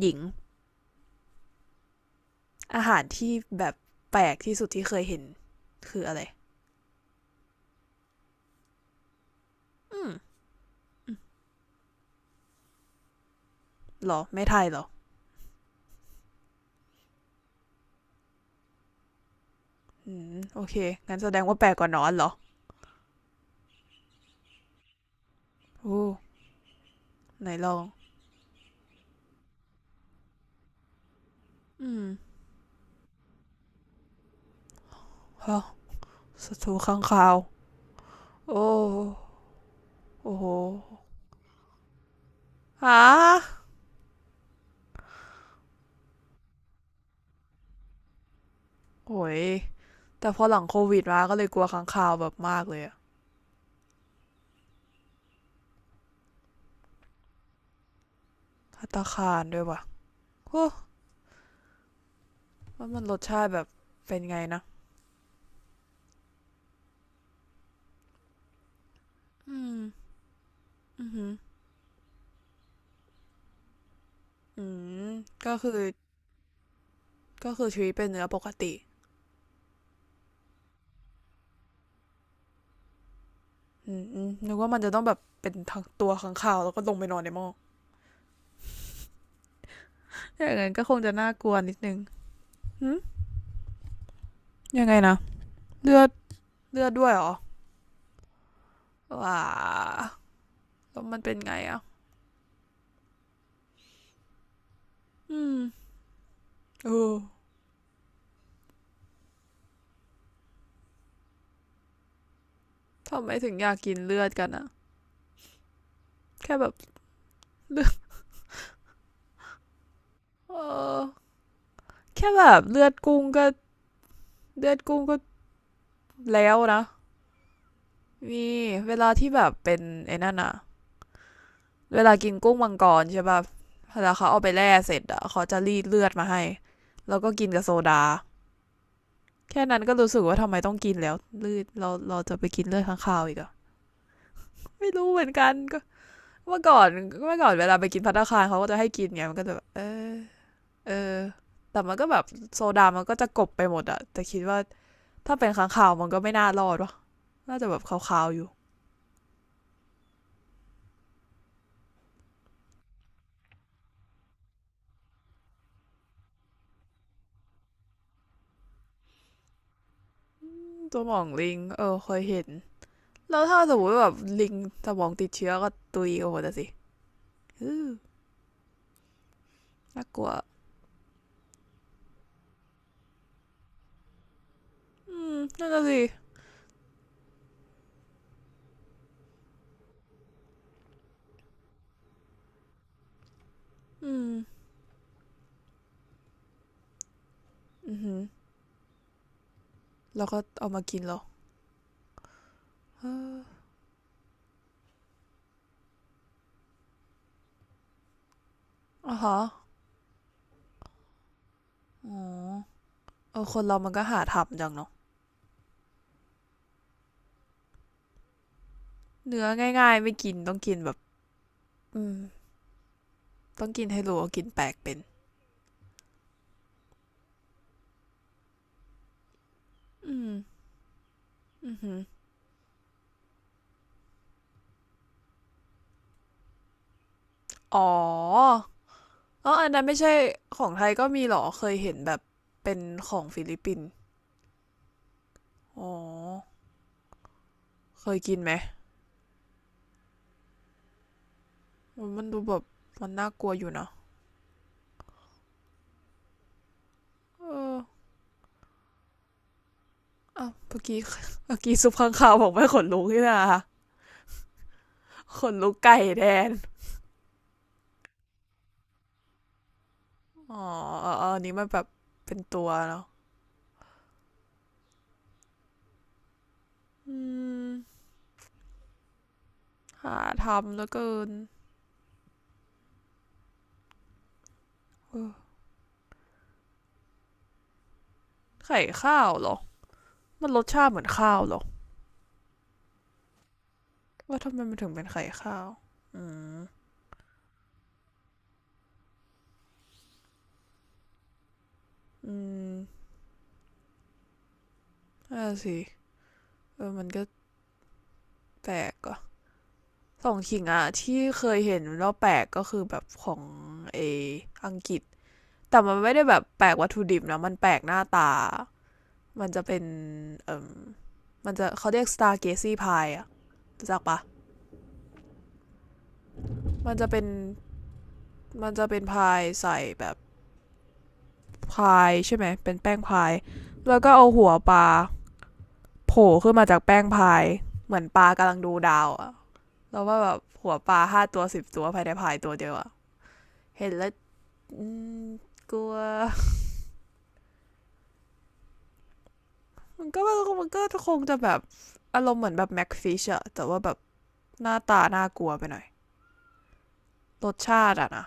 หญิงอาหารที่แบบแปลกที่สุดที่เคยเห็นคืออะไรอืมหรอไม่ไทยเหรออืมโอเคงั้นแสดงว่าแปลกกว่านอนเหรอโอ้ไหนลองอืมฮะสตูข้างคาวโอ้โอ้โหฮะโอ้ยแต่พอหลังโควิดมาก็เลยกลัวค้างคาวแบบมากเลยอะภัตตาคารด้วยว่ะโอ้ว่ามันรสชาติแบบเป็นไงนะอืมอืมออืมก็คือก็คือชีวิตเป็นเนื้อปกติ อืมนึกว่ามันจะต้องแบบเป็นทั้งตัวขังข่าวแล้วก็ลงไปนอนในหม้ออย่างนั้นก็คงจะน่ากลัวนิดนึงหืมยังไงนะเลือดเลือดด้วยเหรอว้าแล้วมันเป็นไงอ่ะอืมโออทำไมถึงอยากกินเลือดกันอะแค่แบบเลือดเออแค่แบบเลือดกุ้งก็เลือดกุ้งก็แล้วนะมีเวลาที่แบบเป็นไอ้นั่นอะเวลากินกุ้งมังกรใช่ป่ะเวลาเขาเอาไปแล่เสร็จอะเขาจะรีดเลือดมาให้แล้วก็กินกับโซดา แค่นั้นก็รู้สึกว่าทำไมต้องกินแล้วเลือดเราเราจะไปกินเลือดข้างคาวอีกอ่ะไม่รู้เหมือนกันก็เมื่อก่อนเมื่อก่อนเวลาไปกินภัตตาคารเขาก็จะให้กินไงมันก็จะแบบเออเออแต่มันก็แบบโซดามันก็จะกบไปหมดอะแต่คิดว่าถ้าเป็นข้างคาวมันก็ไม่น่ารอดวะน่าจะแบบขาวๆอยู่ตัวมองลิงเออเคยเห็นแล้วถ้าสมมติแบบลิงสมองติดเชื้อก็ตุยโอ้โหแต่สิ้น่ากลัวอืมนั่นน่ะสิอืมอือฮึแล้วก็เอามากินเหรอออ๋อฮะ อ๋อเออคนเรามันก็หาทำจังเนาะเนื้อง่ายๆไม่กินต้องกินแบบอืมต้องกินให้รู้ว่ากินแปลกเป็นอืมอือหืออ๋อเอออันนั้นไม่ใช่ของไทยก็มีเหรอเคยเห็นแบบเป็นของฟิลิปปินส์อ๋อ เคยกินไหม มันมันดูแบบมันน่ากลัวอยู่เนาะเอออ่ะเมื่อกี้ซุปข้างคาวบอกไม่ขนลุกนี่นะ ขนลุกไก่แดนอ๋ออออันนี้มันแบบเป็นตัวเนาะอืม หาทำแล้วเกินไข่ข้าวเหรอมันรสชาติเหมือนข้าวเหรอว่าทำไมมันถึงเป็นไข่ข้าวอืมอืมน่าสิเออมันก็แปลกอ่ะสองขิงอ่ะที่เคยเห็นแล้วแปลกก็คือแบบของเออังกฤษแต่มันไม่ได้แบบแปลกวัตถุดิบนะมันแปลกหน้าตามันจะเป็นเออมันจะเขาเรียก Stargazy Pie อะรู้จักปะมันจะเป็นมันจะเป็นพายใส่แบบ พายใช่ไหมเป็นแป้งพายแล้วก็เอาหัวปลาโผล่ขึ้นมาจากแป้งพายเหมือนปลากำลังดูดาวอะแล้วว่าแบบหัวปลา5 ตัว 10 ตัวภายในพายตัวเดียวอะเห็นแล้วืมกลัวมันก็มันก็คงจะแบบอารมณ์เหมือนแบบแม็กฟิชอะแต่ว่าแบบหน้าตาน่ากลัวไปหน่อยรสชาติอะนะ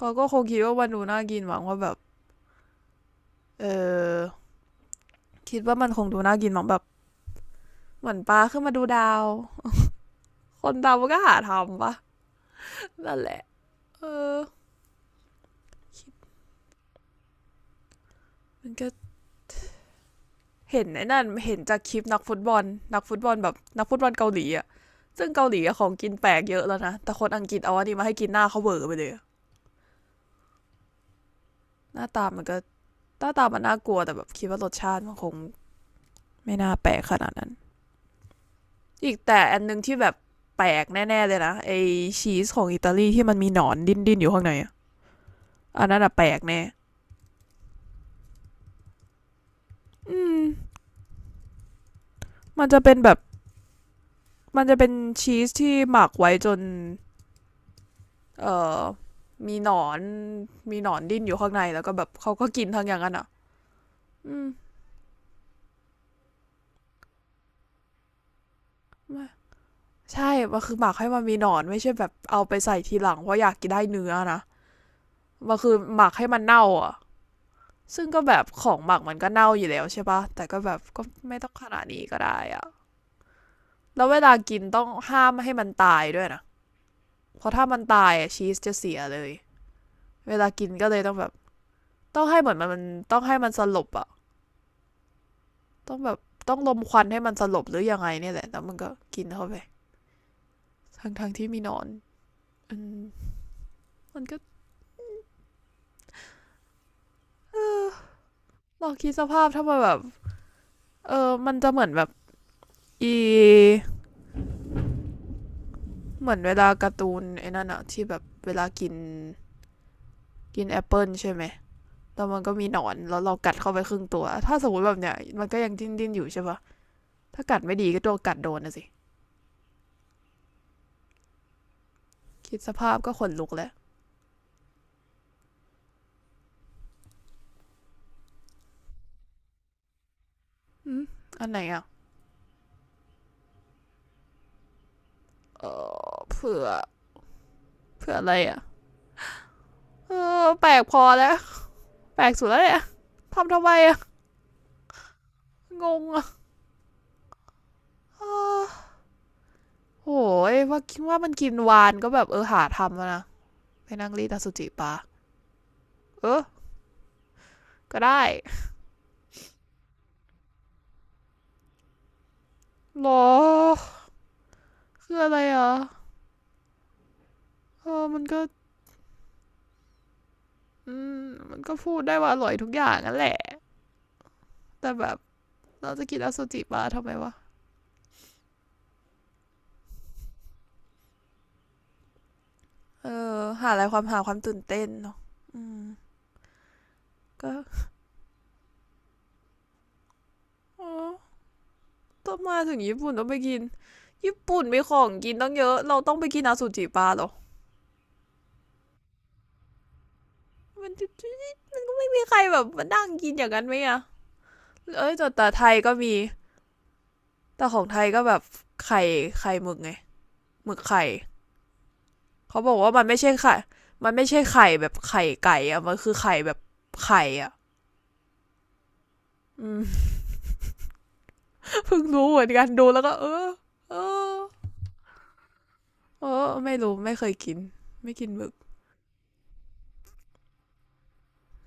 ก็ก็คงคิดว่ามันดูน่ากินหวังว่าแบบเออคิดว่ามันคงดูน่ากินหวังแบบเหมือนปลาขึ้นมาดูดาวคนดาวมันก็หาทำปะนั่นแหละเออ มันก็เห็นไอ้นั่นเห็นจากคลิปนักฟุตบอลนักฟุตบอลแบบนักฟุตบอลเกาหลีอะซึ่งเกาหลีอะของกินแปลกเยอะแล้วนะแต่คนอังกฤษเอาอันนี้มาให้กินหน้าเขาเวอร์ไปเลยหน้าตามันก็หน้าตามันน่ากลัวแต่แบบคิดว่ารสชาติมันคงไม่น่าแปลกขนาดนั้นอีกแต่อันหนึงที่แบบแปลกแน่ๆเลยนะไอชีสของอิตาลีที่มันมีหนอนดิ้นๆอยู่ข้างในออันนั้นอะแปลกแน่อืมมันจะเป็นแบบมันจะเป็นชีสที่หมักไว้จน เอ่อมีหนอนมีหนอนดิ้นอยู่ข้างในแล้วก็แบบเขาก็กินทั้งอย่างนั้นอ่ะอืมใช่มันคือหมักให้มันมีหนอนไม่ใช่แบบเอาไปใส่ทีหลังเพราะอยากกินได้เนื้อนะมันคือหมักให้มันเน่าอ่ะซึ่งก็แบบของหมักมันก็เน่าอยู่แล้วใช่ปะแต่ก็แบบก็ไม่ต้องขนาดนี้ก็ได้อ่ะแล้วเวลากินต้องห้ามไม่ให้มันตายด้วยนะเพราะถ้ามันตายอะชีสจะเสียเลยเวลากินก็เลยต้องแบบต้องให้เหมือนมันต้องให้มันสลบอะ ต้องแบบต้องควันให้มันสลบหรือยังไงเนี่ยแหละแล้วมันก็กินเข้าไปทั้งที่มีหนอนอืมมันก็ลองคิดสภาพถ้ามันแบบเออมันจะเหมือนแบบอีเหมือนเวลาการ์ตูนไอ้นั่นอะที่แบบเวลากินกินแอปเปิลใช่ไหมแล้วมันก็มีหนอนแล้วเรากัดเข้าไปครึ่งตัวถ้าสมมติแบบเนี้ยมันก็ยังดิ้นอยู่ใช่ปะถ้ากัดไม่ดีก็โดนกัดโดนนะสิคิดสภาพก็ขนลุกแล้วอืมอันไหนอะเออเผื่อเผื่ออะไรอะเออแปลกพอแล้ว แปลกสุดแล้วเนี่ยทำไมอะงงอะโหยว่าคิดว่ามันกินวานก็แบบเออหาทำแล้วนะไปนั่งรีดอสุจิปะเออก็ได้หรอคืออะไรอะเออมันก็อืมมันก็พูดได้ว่าอร่อยทุกอย่างนั่นแหละแต่แบบเราจะกินอสุจิปะทำไมวะเออหาอะไรความหาความตื่นเต้นเนาะอืมก็อ๋อต้องมาถึงญี่ปุ่นต้องไปกินญี่ปุ่นมีของกินต้องเยอะเราต้องไปกินอาซจิปลาหรอมัน ใครแบบมานั่งกินอย่างนั้นไหมอะเอ้ยแต่ไทยก็มีแต่ของไทยก็แบบไข่ไข่หมึกไงหมึกไข่เขาบอกว่ามันไม่ใช่ไข่มันไม่ใช่ไข่แบบไข่ไก่อะมันคือไข่แบบไข่อะอืม เพิ่งรู้เหมือนกันดูแล้วก็เออเออเออไม่รู้ไม่เคยกินไม่กินหมึก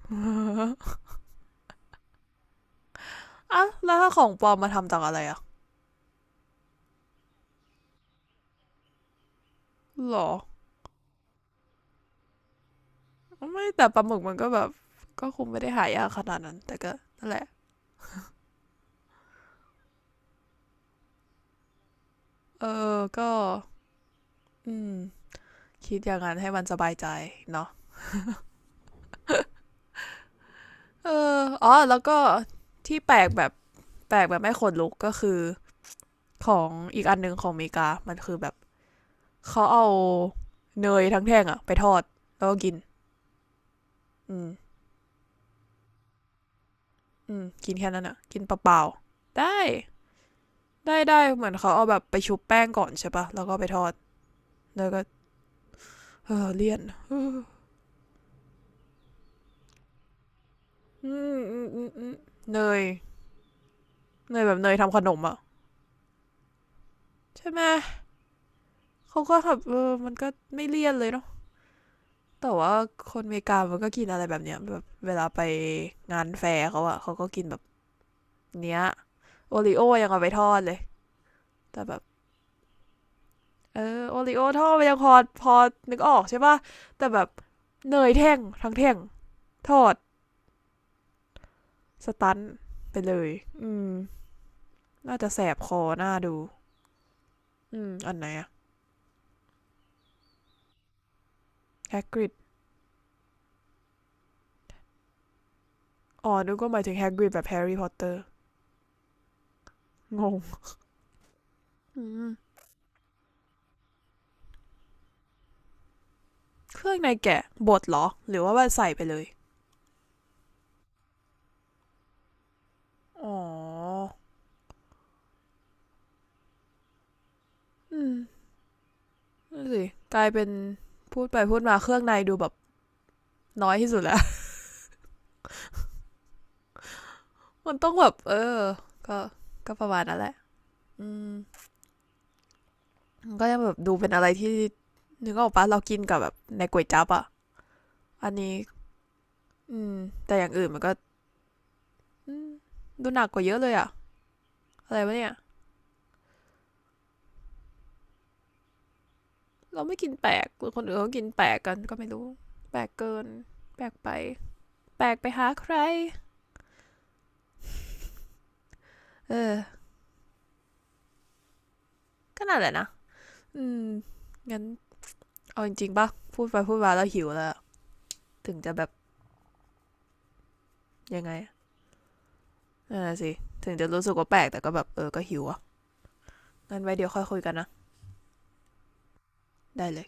อ่ะแล้วถ้าของปลอมมาทำจากอะไรอะหรอไม่แต่ปลาหมึกมันก็แบบก็คงไม่ได้หายากขนาดนั้นแต่ก็นั่นแหละเออก็อืม คิดอย่างนั้นให้มันสบายใจเนาะเอออ๋อแล้วก็ที่แปลกแบบแปลกแบบไม่ขนลุกก็คือของอีกอันหนึงของอเมริกามันคือแบบเขาเอาเนยทั้งแท่งอะไปทอดแล้วก็กินอืมอืมกินแค่นั้นอะกินเปล่าๆได้ได้เหมือนเขาเอาแบบไปชุบแป้งก่อนใช่ปะแล้วก็ไปทอดแล้วก็เออเลี่ยนอือืมเนยเนยแบบเนยทำขนมอะใช่ไหมเขาก็แบบเออมันก็ไม่เลี่ยนเลยเนาะ แต่ว่าคนอเมริกามันก็กินอะไรแบบเนี้ยแบบเวลาไปงานแฟร์เขาอะเขาก็กินแบบเนี้ยโอริโอยังเอาไปทอดเลยแต่แบบเออโอริโอทอดไปยังพอพอนึกออกใช่ป่ะแต่แบบเนยแท่งทั้งแท่งทอดสตันไปเลยอืมน่าจะแสบคอหน้าดูอืมอันไหนอะแฮกริดอ๋อนึกว่าหมายถึงแฮกริดแบบแฮร์รี่พอตเตอร์งงอืมเครื่องในแกะบดเหรอหรือว่าใส่ไปเลยอ๋ออืม นั่นสิกลายเป็นพูดไปพูดมาเครื่องในดูแบบน้อยที่สุดแล้ว มันต้องแบบเออก็ก็ประมาณนั้นแหละอืมมันก็ยังแบบดูเป็นอะไรที่นึกออกปะเรากินกับแบบในก๋วยจั๊บอ่ะอันนี้ อืมแต่อย่างอื่นมันก็อืมดูหนักกว่าเยอะเลยอ่ะอะไรวะเนี่ยเราไม่กินแปลกคนอื่นเขากินแปลกกันก็ไม่รู้ แปลกเกินแปลกไปแปลกไปหาใครเออก็น่าแหละนะอืมงั้นเอาจริงๆปะพูดไปพูดมาแล้วหิวแล้ว ถึงจะแบบยังไงอะน่ะสิ ถึงจะรู้สึกว่าแปลกแต่ก็แบบเออก็หิวอ่ะงั้นไว้เดี๋ยวค่อยคุยกันนะ ได้เลย